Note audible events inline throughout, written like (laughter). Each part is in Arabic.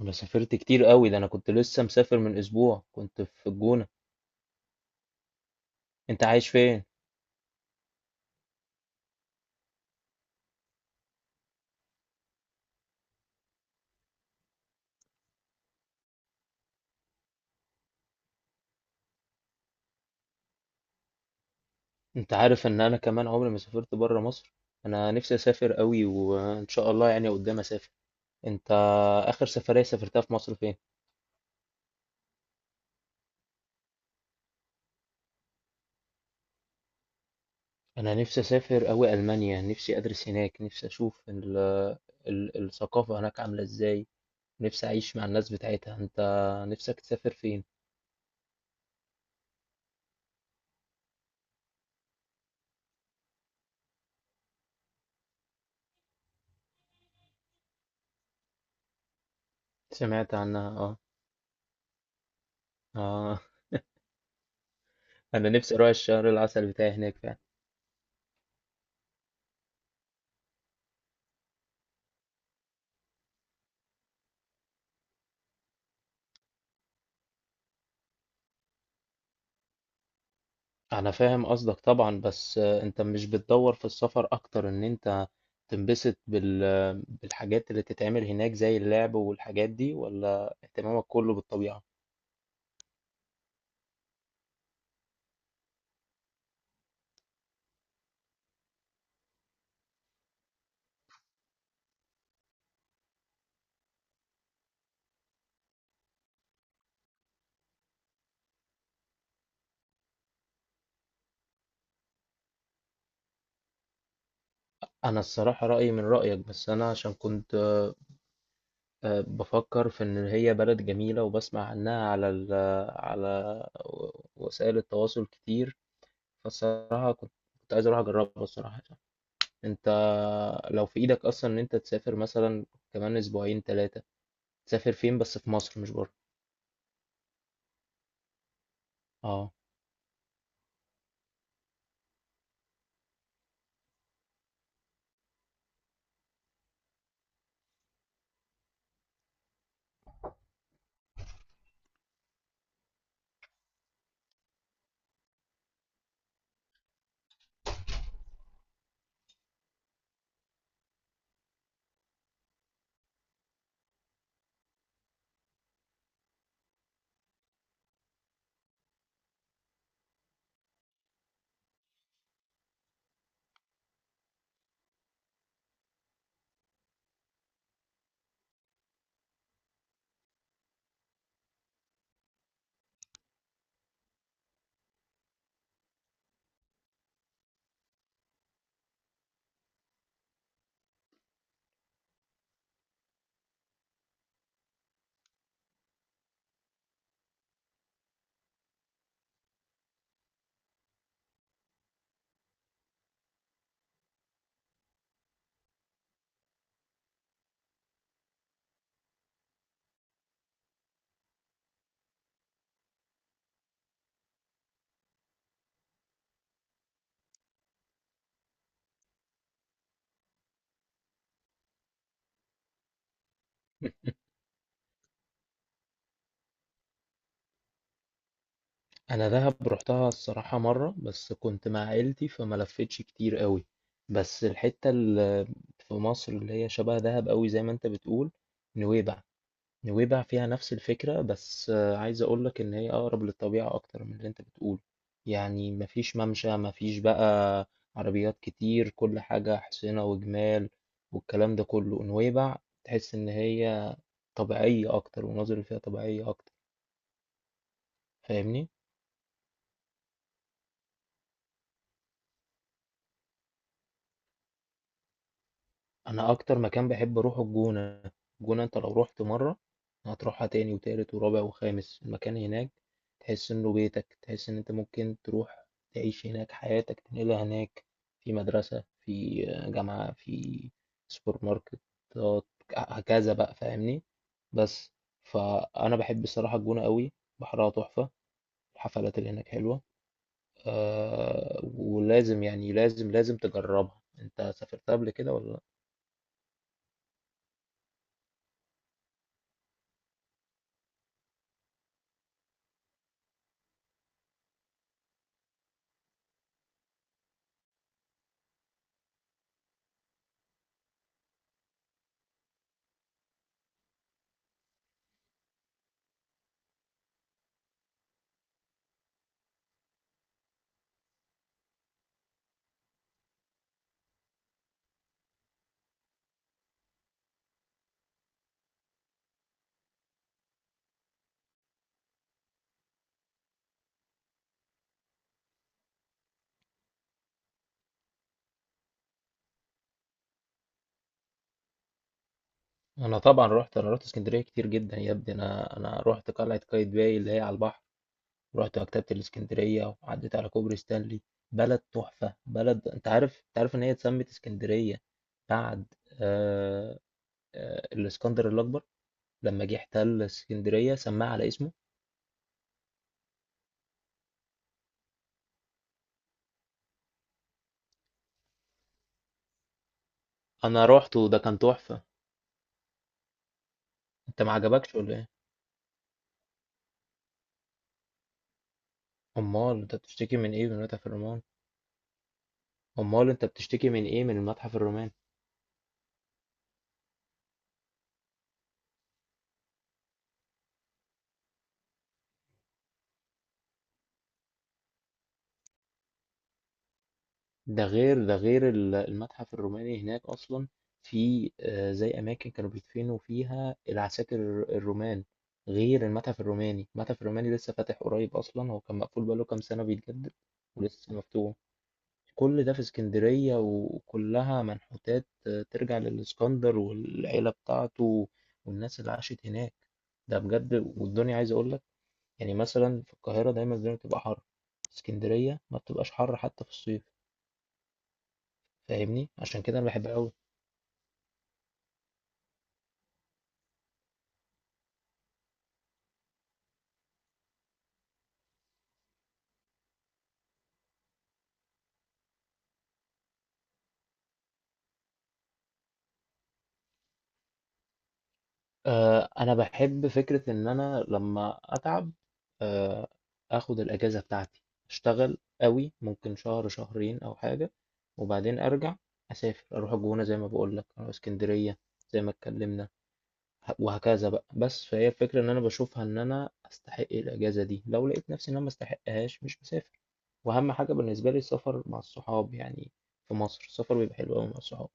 انا سافرت كتير قوي، ده انا كنت لسه مسافر من اسبوع، كنت في الجونة. انت عايش فين؟ انت عارف ان انا كمان عمري ما سافرت برا مصر، انا نفسي اسافر قوي، وان شاء الله يعني قدام اسافر. انت؟ اخر سفرية سافرتها في مصر فين؟ انا نفسي اسافر قوي المانيا، نفسي ادرس هناك، نفسي اشوف ال ال الثقافة هناك عاملة ازاي، نفسي اعيش مع الناس بتاعتها. انت نفسك تسافر فين؟ سمعت عنها اه. اه. (laughs) انا نفسي اروح الشهر العسل بتاعي هناك فعلا. انا فاهم قصدك طبعا، بس انت مش بتدور في السفر اكتر ان انت تنبسط بالحاجات اللي تتعمل هناك زي اللعب والحاجات دي، ولا اهتمامك كله بالطبيعة؟ انا الصراحة رأيي من رأيك، بس انا عشان كنت بفكر في ان هي بلد جميلة وبسمع عنها على ال... آه، على وسائل التواصل كتير، فالصراحة كنت عايز اروح اجربها الصراحة. انت لو في ايدك اصلا ان انت تسافر مثلا كمان اسبوعين ثلاثة، تسافر فين بس في مصر مش بره؟ اه. انا دهب رحتها الصراحة مرة بس كنت مع عيلتي فما لفتش كتير قوي. بس الحتة اللي في مصر اللي هي شبه دهب قوي زي ما انت بتقول، نويبع. نويبع فيها نفس الفكرة بس عايز اقولك ان هي اقرب للطبيعة اكتر من اللي انت بتقوله، يعني مفيش ممشى، مفيش بقى عربيات كتير، كل حاجة حصينة وجمال والكلام ده كله. نويبع تحس ان هي طبيعية اكتر، والمناظر اللي فيها طبيعية اكتر، فاهمني؟ انا اكتر مكان بحب اروحه الجونة. الجونة انت لو رحت مرة هتروحها تاني وتالت ورابع وخامس، المكان هناك تحس انه بيتك، تحس ان انت ممكن تروح تعيش هناك، حياتك تنقلها هناك، في مدرسة، في جامعة، في سوبر ماركت، هكذا بقى، فاهمني؟ بس فانا بحب الصراحة الجونة قوي، بحرها تحفة، الحفلات اللي هناك حلوة. أه، ولازم يعني لازم لازم تجربها. انت سافرتها قبل كده ولا؟ انا طبعا رحت، انا رحت اسكندريه كتير جدا يا ابني، انا رحت قلعه قايتباي اللي هي على البحر، رحت مكتبه الاسكندريه، وعديت على كوبري ستانلي. بلد تحفه، بلد. انت عارف ان هي اتسمت اسكندريه بعد آه الاسكندر الاكبر لما جه احتل اسكندريه سماها على اسمه. انا رحت وده كان تحفه. انت ما عجبكش ولا ايه؟ امال انت بتشتكي من ايه من متحف الرومان؟ امال انت بتشتكي من ايه من المتحف الروماني؟ ده غير، ده غير المتحف الروماني هناك أصلا في زي أماكن كانوا بيدفنوا فيها العساكر الرومان غير المتحف الروماني. المتحف الروماني لسه فاتح قريب أصلا، هو كان مقفول بقاله كام سنة بيتجدد ولسه مفتوح. كل ده في اسكندرية، وكلها منحوتات ترجع للإسكندر والعيلة بتاعته والناس اللي عاشت هناك. ده بجد. والدنيا عايز أقولك، يعني مثلا في القاهرة دايما الدنيا بتبقى حر، اسكندرية ما بتبقاش حر حتى في الصيف، فاهمني؟ عشان كده انا بحبها قوي. آه، انا بحب فكره ان انا لما اتعب آه اخد الاجازه بتاعتي، اشتغل قوي ممكن شهر شهرين او حاجه، وبعدين ارجع اسافر، اروح الجونه زي ما بقول لك، اروح اسكندريه زي ما اتكلمنا، وهكذا بقى. بس فهي الفكره ان انا بشوفها ان انا استحق الاجازه دي، لو لقيت نفسي ان انا ما استحقهاش مش بسافر. واهم حاجه بالنسبه لي السفر مع الصحاب يعني، في مصر السفر بيبقى حلو قوي مع الصحاب.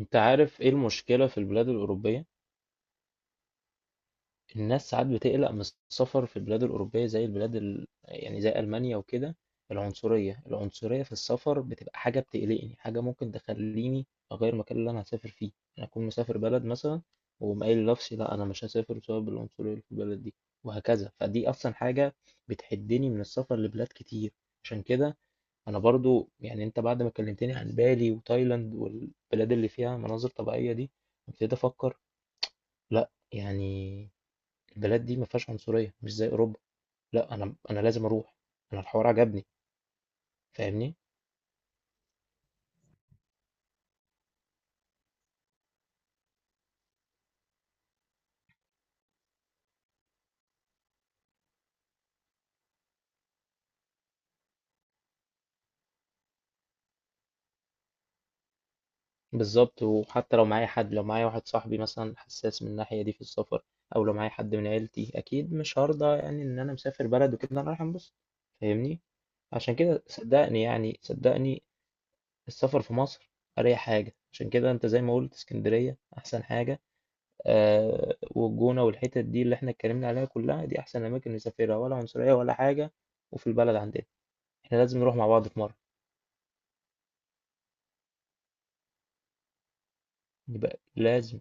انت عارف ايه المشكلة في البلاد الأوروبية؟ الناس ساعات بتقلق من السفر في البلاد الأوروبية زي البلاد يعني زي ألمانيا وكده. العنصرية، العنصرية في السفر بتبقى حاجة بتقلقني، حاجة ممكن تخليني أغير المكان اللي أنا هسافر فيه، أنا أكون مسافر بلد مثلا وأقوم قايل لنفسي لا أنا مش هسافر بسبب العنصرية اللي في البلد دي، وهكذا. فدي أصلا حاجة بتحدني من السفر لبلاد كتير. عشان كده أنا برضو، يعني أنت بعد ما كلمتني عن بالي وتايلاند والبلاد اللي فيها مناظر طبيعية دي، ابتديت أفكر لا يعني البلاد دي ما فيهاش عنصرية مش زي أوروبا، لا أنا لازم أروح، أنا الحوار عجبني. فاهمني. بالظبط، وحتى لو معايا حد لو معايا واحد صاحبي مثلا حساس من الناحية دي في السفر أو لو معايا حد من عيلتي، أكيد مش هرضى يعني إن أنا مسافر بلد وكده أنا رايح أنبسط، فاهمني؟ عشان كده صدقني، يعني صدقني، السفر في مصر أريح حاجة. عشان كده أنت زي ما قلت اسكندرية أحسن حاجة، آه، والجونة والحتت دي اللي احنا اتكلمنا عليها كلها دي أحسن أماكن نسافرها، ولا عنصرية ولا حاجة، وفي البلد عندنا، احنا لازم نروح مع بعض في مرة. يبقى لازم.